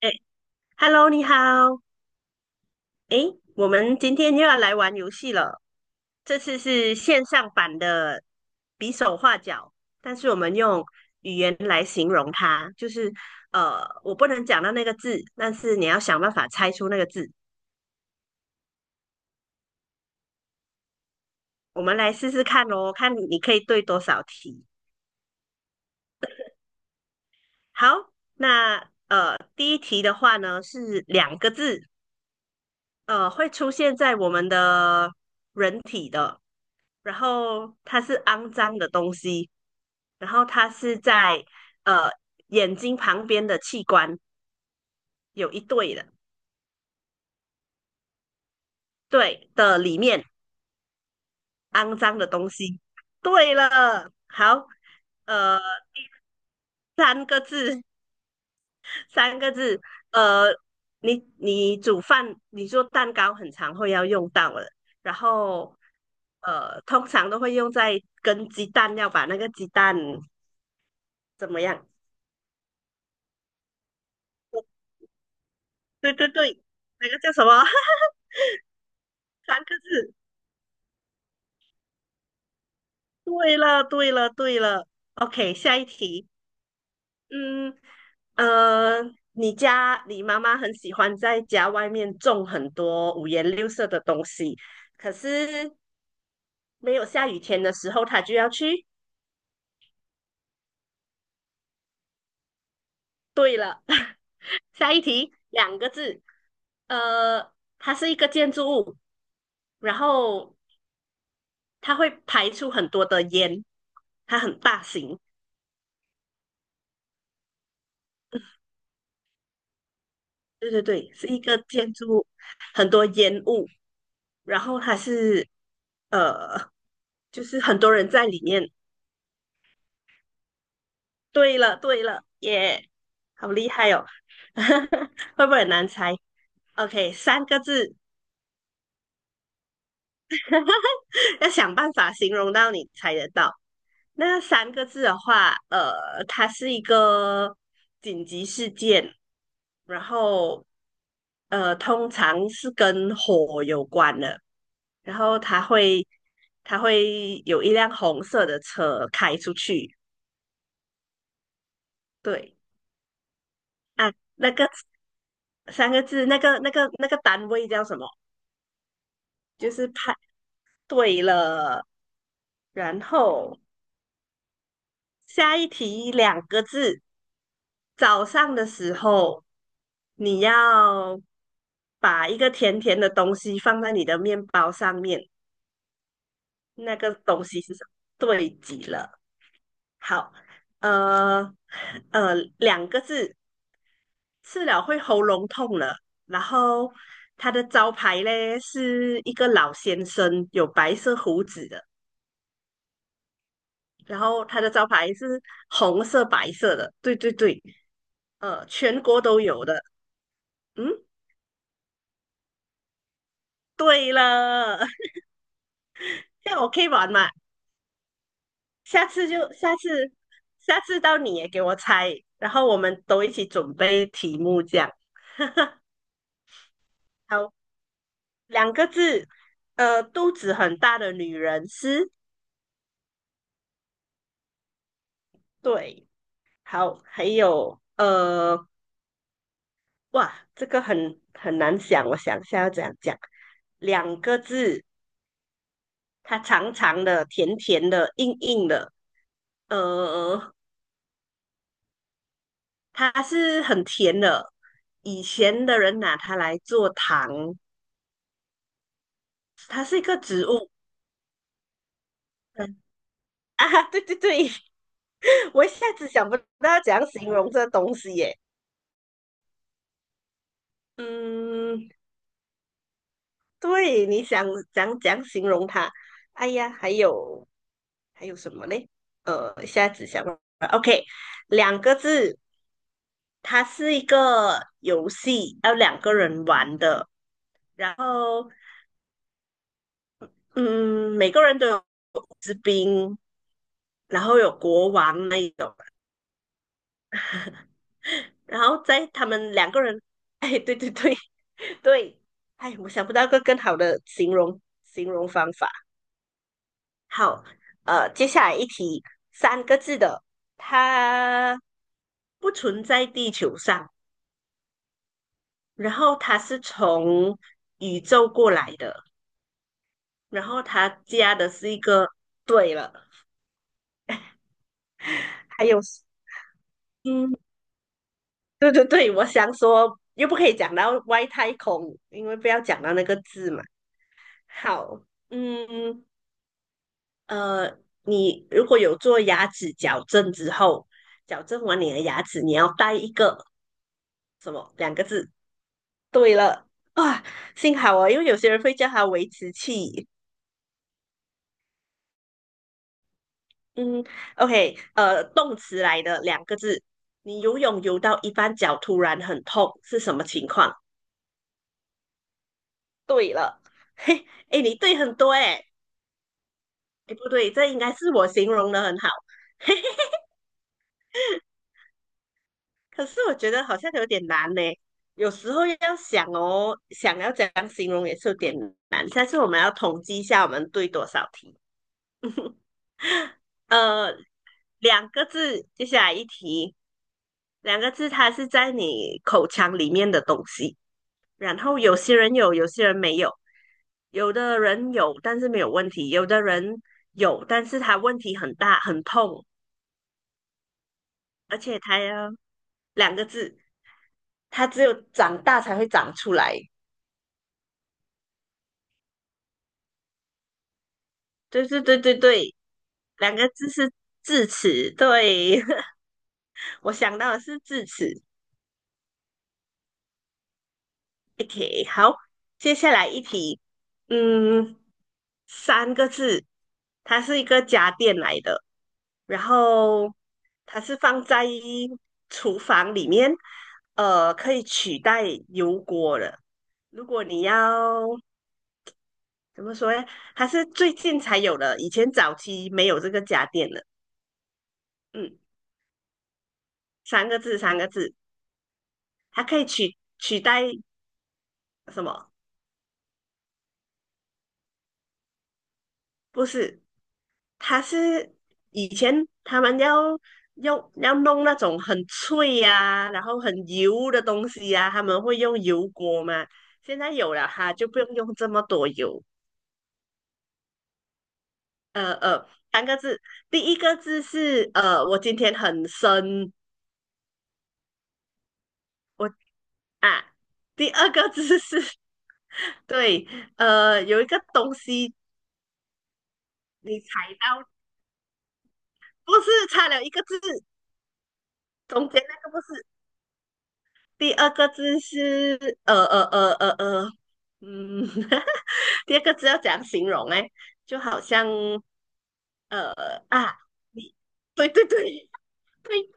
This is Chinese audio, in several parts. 哎，Hello，你好。哎，我们今天又要来玩游戏了。这次是线上版的比手画脚，但是我们用语言来形容它，就是我不能讲到那个字，但是你要想办法猜出那个字。我们来试试看哦，看你可以对多少题。好，那第一题的话呢是两个字，会出现在我们的人体的，然后它是肮脏的东西。然后它是在呃眼睛旁边的器官有一对的，对的里面肮脏的东西。对了，好，呃，三个字，三个字，呃，你煮饭，你做蛋糕很常会要用到的，然后通常都会用在跟鸡蛋，要把那个鸡蛋怎么样？对对对，那个叫什么？三个字。对了，对了，对了。OK，下一题。嗯，呃，你家你妈妈很喜欢在家外面种很多五颜六色的东西，可是没有下雨天的时候，她就要去。对了，下一题，两个字。呃，它是一个建筑物，然后它会排出很多的烟，它很大型。对对对，是一个建筑物，很多烟雾。然后它是呃，就是很多人在里面。对了，对了，耶，好厉害哦！会不会很难猜？OK，三个字，要想办法形容到你猜得到。那三个字的话，它是一个紧急事件，然后通常是跟火有关的，然后它会它会有一辆红色的车开出去，对啊，那个三个字，那个那个单位叫什么？就是派对了。然后下一题两个字，早上的时候你要把一个甜甜的东西放在你的面包上面，那个东西是什么？对极了。好，呃两个字，吃了会喉咙痛了。然后它的招牌嘞是一个老先生，有白色胡子的。然后它的招牌是红色、白色的，对对对，全国都有的。嗯，对了，这样我可以玩嘛？下次就下次，下次到你也给我猜，然后我们都一起准备题目，这样。好，两个字，肚子很大的女人是，对，好，还有哇，这个很难想，我想一下要怎样讲，两个字，它长长的、甜甜的、硬硬的，呃，它是很甜的。以前的人拿它来做糖，它是一个植物。嗯啊，对对对，我一下子想不到要怎样形容这东西耶。嗯，对，你想怎样形容它？哎呀，还有什么嘞？一下子想不到 OK，两个字，它是一个游戏，要两个人玩的。然后嗯，每个人都有士兵，然后有国王那一种，然后在他们两个人，哎，对对对对，哎，我想不到个更好的形容方法。好，接下来一题，三个字的，它不存在地球上，然后它是从宇宙过来的，然后它加的是一个对了，还有嗯，对对对，我想说又不可以讲到外太空，因为不要讲到那个字嘛。好，嗯呃，你如果有做牙齿矫正之后，矫正完你的牙齿，你要带一个什么两个字？对了，啊，幸好哦，因为有些人会叫它维持器。嗯，OK，动词来的两个字，你游泳游到一半脚突然很痛，是什么情况？对了，嘿，哎，你对很多哎、哎，不对，这应该是我形容的很好，可是我觉得好像有点难呢。有时候要想哦，想要怎样形容也是有点难。下次我们要统计一下，我们对多少题。呃，两个字，接下来一题，两个字，它是在你口腔里面的东西。然后有些人有，有些人没有，有的人有，但是没有问题；有的人有，但是他问题很大，很痛，而且他要两个字。它只有长大才会长出来。对对对对对，两个字是智齿。对，我想到的是智齿。OK，好，接下来一题，嗯，三个字，它是一个家电来的，然后它是放在厨房里面，可以取代油锅的。如果你要怎么说呢？它是最近才有的，以前早期没有这个家电的。嗯。三个字，三个字，它可以取代什么？不是，它是以前他们要用要弄那种很脆呀、然后很油的东西呀、他们会用油锅嘛。现在有了哈，就不用用这么多油。呃呃，三个字，第一个字是我今天很生，我啊，第二个字是 对，有一个东西你踩到，不是差了一个字，中间那个不是第二个字是嗯，第二个字要怎样形容哎？就好像呃啊，你对对对 对，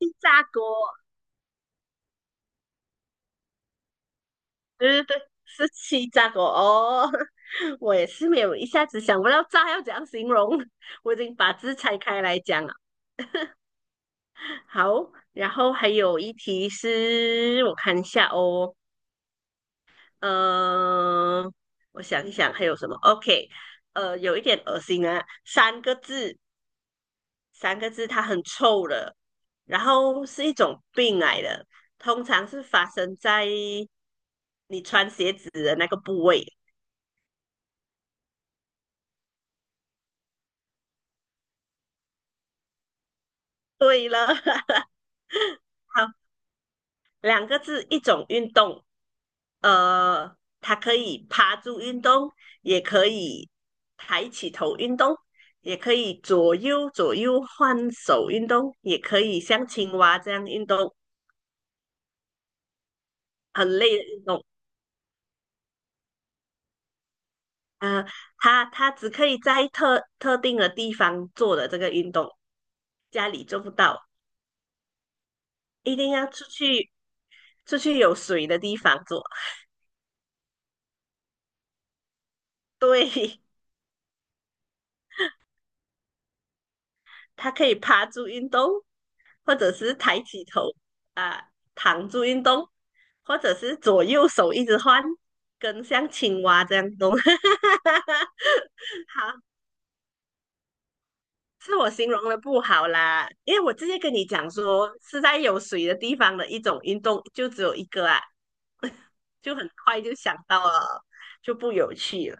气炸锅，对对对，是气炸锅哦。我也是没有一下子想不到炸要怎样形容，我已经把字拆开来讲了。好，然后还有一题是我看一下哦，嗯、我想一想还有什么？OK，有一点恶心啊，三个字，三个字，它很臭的，然后是一种病来的，通常是发生在你穿鞋子的那个部位。对了，好，两个字，一种运动，呃，它可以趴住运动，也可以抬起头运动，也可以左右左右换手运动，也可以像青蛙这样运动，很累的运动。呃，它只可以在特定的地方做的这个运动，家里做不到，一定要出去有水的地方做。对，它可以趴住运动，或者是抬起头。躺住运动，或者是左右手一直换，跟像青蛙这样动。好，是我形容的不好啦，因为我之前跟你讲说是在有水的地方的一种运动，就只有一个啊，就很快就想到了，就不有趣了。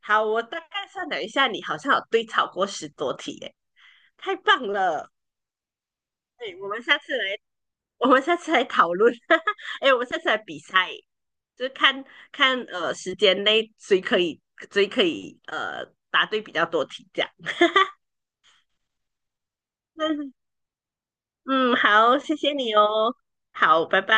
好，我大概算了一下，你好像有对超过10多题耶，太棒了！对，我们下次来。我们下次来讨论。哎我们下次来比赛，就是看看时间内谁可以谁可以答对比较多题这样。嗯嗯，好，谢谢你哦。好，拜拜。